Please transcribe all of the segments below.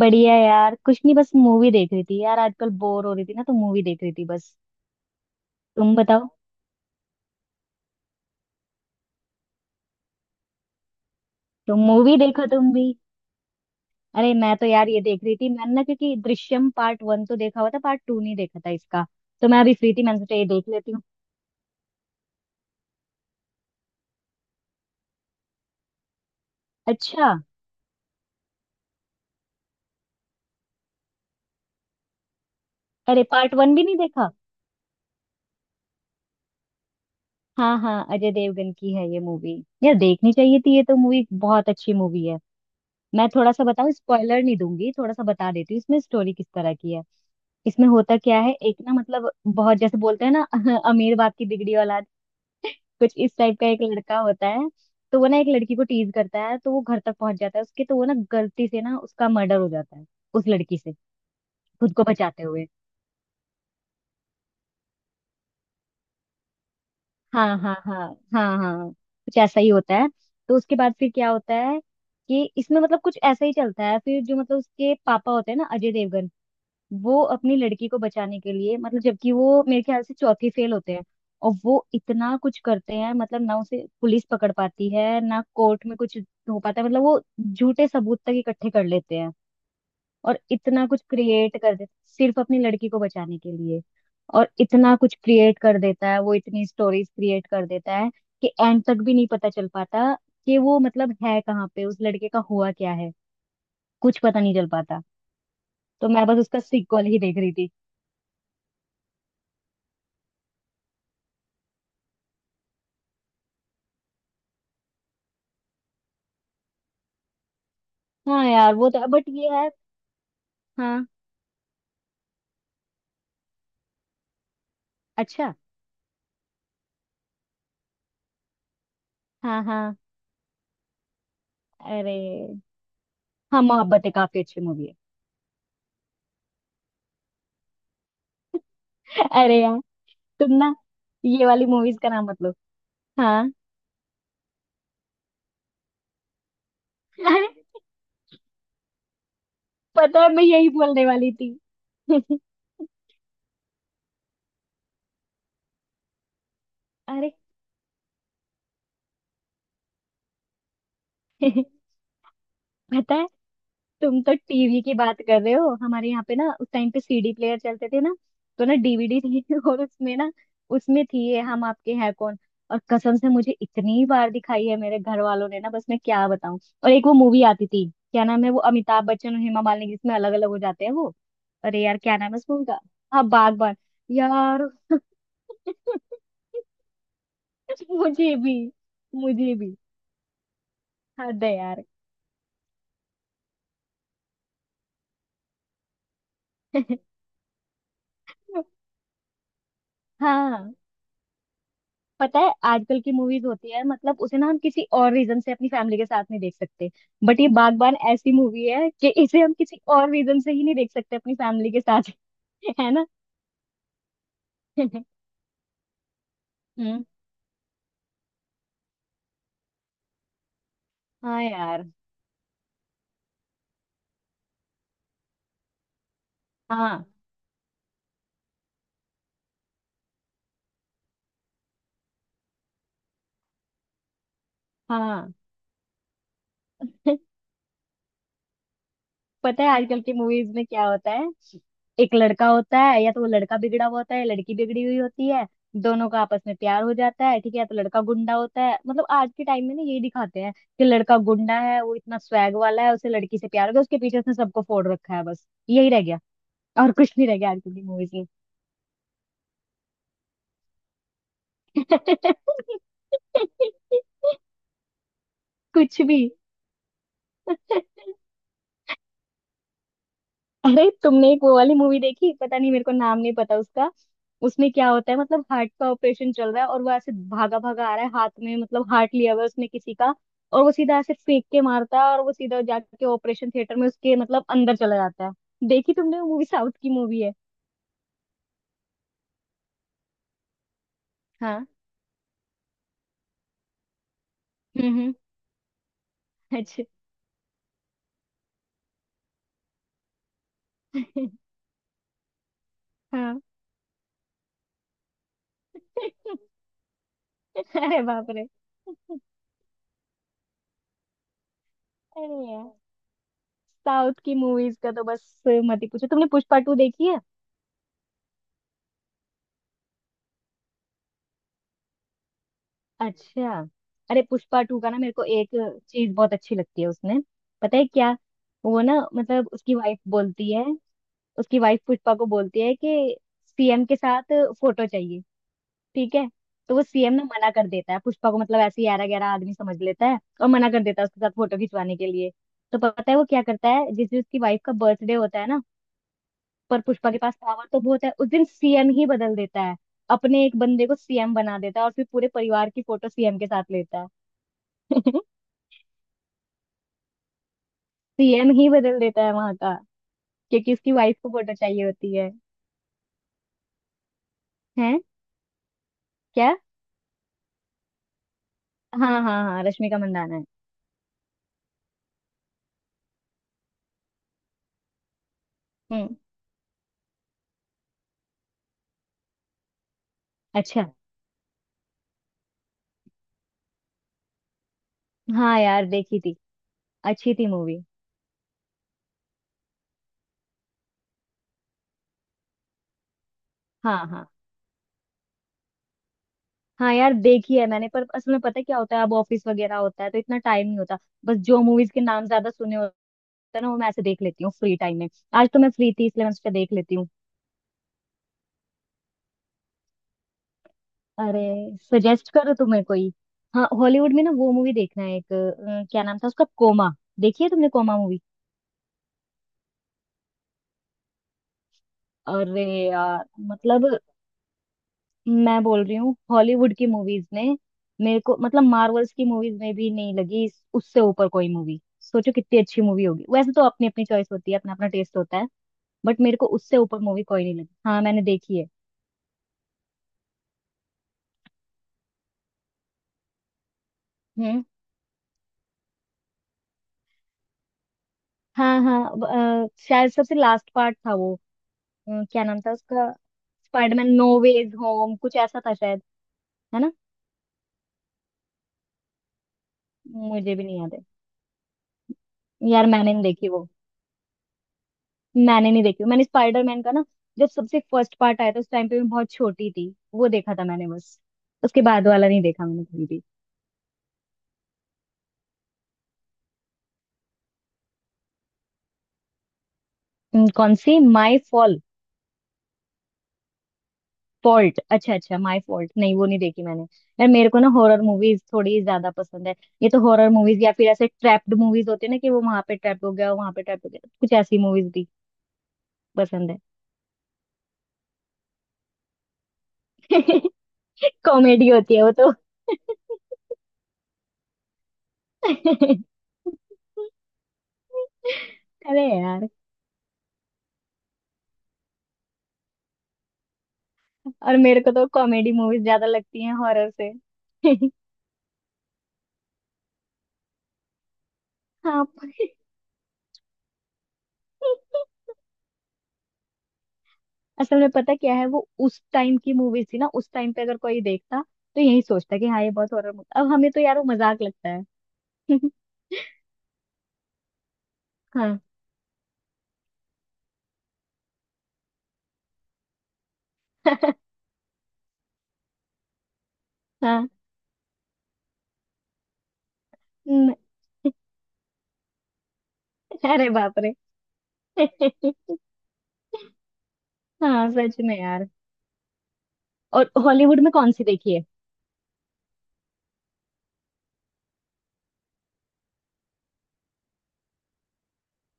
बढ़िया यार, कुछ नहीं, बस मूवी देख रही थी। यार, आजकल बोर हो रही थी ना, तो मूवी देख रही थी बस। तुम बताओ। तुम मूवी देखो तुम भी। अरे मैं तो यार ये देख रही थी मैंने ना, क्योंकि दृश्यम पार्ट वन तो देखा हुआ था, पार्ट टू नहीं देखा था इसका। तो मैं अभी फ्री थी, मैंने सोचा ये देख लेती हूँ। अच्छा। अरे पार्ट वन भी नहीं देखा। हाँ हाँ, अजय देवगन की है ये मूवी। यार देखनी चाहिए थी, ये तो मूवी बहुत अच्छी मूवी है। मैं थोड़ा सा बताऊं, स्पॉइलर नहीं दूंगी, थोड़ा सा बता देती हूँ इसमें स्टोरी किस तरह की है। इसमें होता क्या है, एक ना मतलब बहुत जैसे बोलते हैं ना अमीर बाप की बिगड़ी औलाद, कुछ इस टाइप का एक लड़का होता है। तो वो ना एक लड़की को टीज करता है, तो वो घर तक पहुंच जाता है उसके, तो वो ना गलती से ना उसका मर्डर हो जाता है उस लड़की से खुद को बचाते हुए। हाँ हाँ हाँ। हाँ हाँ, कुछ ऐसा ही होता है। तो उसके बाद फिर क्या होता है कि इसमें मतलब कुछ ऐसा ही चलता है। फिर जो मतलब उसके पापा होते हैं ना, अजय देवगन, वो अपनी लड़की को बचाने के लिए मतलब, जबकि वो मेरे ख्याल से चौथी फेल होते हैं, और वो इतना कुछ करते हैं मतलब ना, उसे पुलिस पकड़ पाती है ना, कोर्ट में कुछ हो पाता है, मतलब वो झूठे सबूत तक इकट्ठे कर लेते हैं। और इतना कुछ क्रिएट कर देते सिर्फ अपनी लड़की को बचाने के लिए। और इतना कुछ क्रिएट कर देता है, वो इतनी स्टोरीज क्रिएट कर देता है कि एंड तक भी नहीं पता चल पाता कि वो मतलब है कहाँ पे, उस लड़के का हुआ क्या है, कुछ पता नहीं चल पाता। तो मैं बस उसका सीक्वल ही देख रही थी। हाँ यार वो तो, बट ये है। हाँ। अच्छा। हाँ हाँ। अरे। हाँ, मोहब्बतें काफी अच्छी मूवी है। अरे यार। तुम ना, ये वाली मूवीज का नाम मत लो। हाँ। अरे पता है, मैं यही बोलने वाली थी। अरे। पता है, तुम तो टीवी की बात कर रहे हो। हमारे यहाँ पे ना उस टाइम पे सीडी प्लेयर चलते थे ना, तो ना डीवीडी थी और उसमें ना, उसमें थी ये हम आपके हैं कौन। और कसम से मुझे इतनी बार दिखाई है मेरे घर वालों ने ना, बस मैं क्या बताऊं। और एक वो मूवी आती थी, क्या नाम है वो, अमिताभ बच्चन और हेमा मालिनी, जिसमें अलग अलग हो जाते हैं वो। अरे यार क्या नाम है उस मूवी का। हाँ, बागबान। यार मुझे भी। मुझे भी। हद है यार। हाँ। पता है आजकल की मूवीज होती है मतलब, उसे ना हम किसी और रीजन से अपनी फैमिली के साथ नहीं देख सकते। बट ये बागबान ऐसी मूवी है कि इसे हम किसी और रीजन से ही नहीं देख सकते अपनी फैमिली के साथ। है ना। हम्म। हाँ यार। हाँ हाँ। पता है आजकल की मूवीज में क्या होता है, एक लड़का होता है, या तो वो लड़का बिगड़ा हुआ होता है या लड़की बिगड़ी हुई होती है। दोनों का आपस में प्यार हो जाता है, ठीक है। या तो लड़का गुंडा होता है, मतलब आज के टाइम में ना यही दिखाते हैं कि लड़का गुंडा है, वो इतना स्वैग वाला है, उसे लड़की से प्यार हो गया, उसके पीछे उसने सबको फोड़ रखा है, बस यही रह गया, और कुछ नहीं रह गया आजकल की मूवीज में। कुछ भी। अरे तुमने एक वो वाली मूवी देखी, पता नहीं, मेरे को नाम नहीं पता उसका। उसमें क्या होता है, मतलब हार्ट का ऑपरेशन चल रहा है और वो ऐसे भागा भागा आ रहा है हाथ में, मतलब हार्ट लिया हुआ है उसने किसी का, और वो सीधा ऐसे फेंक के मारता है और वो सीधा जाके ऑपरेशन थिएटर में उसके मतलब अंदर चला जाता है। देखी तुमने वो मूवी, साउथ की मूवी है। हाँ। हम्म हम्म, अच्छा। हाँ। अरे बाप रे। अरे यार साउथ की मूवीज का तो बस मत ही पूछो। तुमने पुष्पा टू देखी है। अच्छा। अरे पुष्पा टू का ना मेरे को एक चीज बहुत अच्छी लगती है उसमें, पता है क्या। वो ना मतलब उसकी वाइफ बोलती है, उसकी वाइफ पुष्पा को बोलती है कि सीएम के साथ फोटो चाहिए, ठीक है। तो वो सीएम ना मना कर देता है पुष्पा को, मतलब ऐसे ग्यारह ग्यारह आदमी समझ लेता है, और मना कर देता है उसके साथ फोटो खिंचवाने के लिए। तो पता है वो क्या करता है, जिस दिन उसकी वाइफ का बर्थडे होता है ना, पर पुष्पा के पास पावर तो बहुत है, उस दिन सीएम ही बदल देता है। अपने एक बंदे को सीएम बना देता है और फिर पूरे परिवार की फोटो सीएम के साथ लेता है। सीएम ही बदल देता है वहां का, क्योंकि उसकी वाइफ को फोटो चाहिए होती है। हैं? क्या? हाँ हाँ हाँ, रश्मिका मंदाना है। हम्म। अच्छा। हाँ यार, देखी थी। अच्छी थी मूवी। हाँ हाँ। हाँ यार देखी है मैंने, पर असल में पता है क्या होता है, अब ऑफिस वगैरह होता है तो इतना टाइम नहीं होता। बस जो मूवीज के नाम ज्यादा सुने होते हैं ना, वो मैं ऐसे देख लेती हूँ फ्री टाइम में। आज तो मैं फ्री थी, इसलिए मैं उस पर देख लेती हूँ। अरे सजेस्ट करो तुम्हें कोई। हाँ हॉलीवुड में ना वो मूवी देखना है एक, क्या नाम था उसका, कोमा। देखी है तुमने कोमा मूवी। अरे यार, मतलब मैं बोल रही हूँ हॉलीवुड की मूवीज ने मेरे को, मतलब मार्वल्स की मूवीज में भी नहीं लगी उससे ऊपर कोई मूवी, सोचो कितनी अच्छी मूवी होगी। वैसे तो अपनी अपनी चॉइस होती है, अपना अपना टेस्ट होता है, बट मेरे को उससे ऊपर मूवी कोई नहीं लगी। हाँ मैंने देखी है। हम्म। हाँ हाँ। शायद सबसे लास्ट पार्ट था वो। क्या नाम था उसका, स्पाइडरमैन नो वेज होम, कुछ ऐसा था शायद, है ना। मुझे भी नहीं याद है यार, मैंने नहीं देखी वो। मैंने नहीं देखी, मैंने स्पाइडरमैन का ना, जब सबसे फर्स्ट पार्ट आया था उस टाइम पे मैं बहुत छोटी थी, वो देखा था मैंने बस, उसके बाद वाला नहीं देखा मैंने कभी भी। कौन सी, माई फॉल्ट, अच्छा अच्छा, माई फॉल्ट, नहीं वो नहीं देखी मैंने। यार मेरे को ना हॉरर मूवीज थोड़ी ज्यादा पसंद है। ये तो हॉरर मूवीज या फिर ऐसे ट्रैप्ड मूवीज होते हैं ना कि वो वहां पे ट्रैप हो गया, वहां पे ट्रैप हो गया, कुछ ऐसी मूवीज भी पसंद है। कॉमेडी होती है वो तो। अरे यार। और मेरे को तो कॉमेडी मूवीज ज्यादा लगती हैं हॉरर से। हाँ। असल में पता क्या है, वो उस टाइम की मूवीज थी ना, उस टाइम पे अगर कोई देखता तो यही सोचता कि हाँ ये बहुत हॉरर मूवी, अब हमें तो यार वो मजाक लगता है। हाँ। हाँ। न- अरे बाप रे। हाँ सच में यार। और हॉलीवुड में कौन सी देखी है।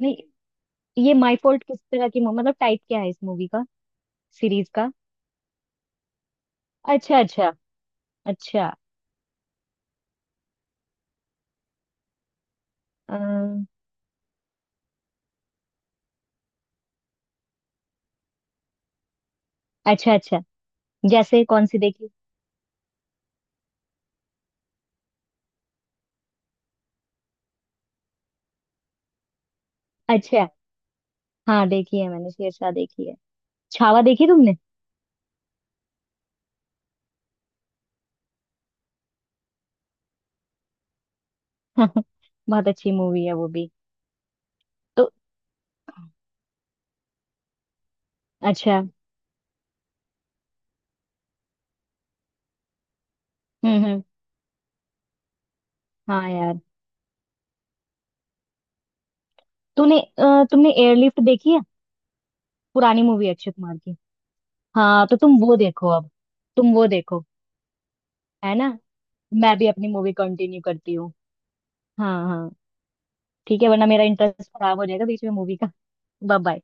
नहीं, ये माय फॉल्ट किस तरह की मतलब टाइप क्या है इस मूवी का, सीरीज का। अच्छा अच्छा। अच्छा। अम, अच्छा अच्छा। जैसे कौन सी देखी। अच्छा। हाँ देखी है मैंने, शेरशाह देखी है। छावा देखी तुमने। बहुत अच्छी मूवी है वो भी। तो अच्छा। हम्म। हाँ यार। तूने तुमने एयरलिफ्ट देखी है। पुरानी मूवी है, अक्षय कुमार की। हाँ तो तुम वो देखो अब। तुम वो देखो। है ना। मैं भी अपनी मूवी कंटिन्यू करती हूँ। हाँ हाँ। ठीक है, वरना मेरा इंटरेस्ट खराब हो जाएगा बीच में मूवी का। Bye bye.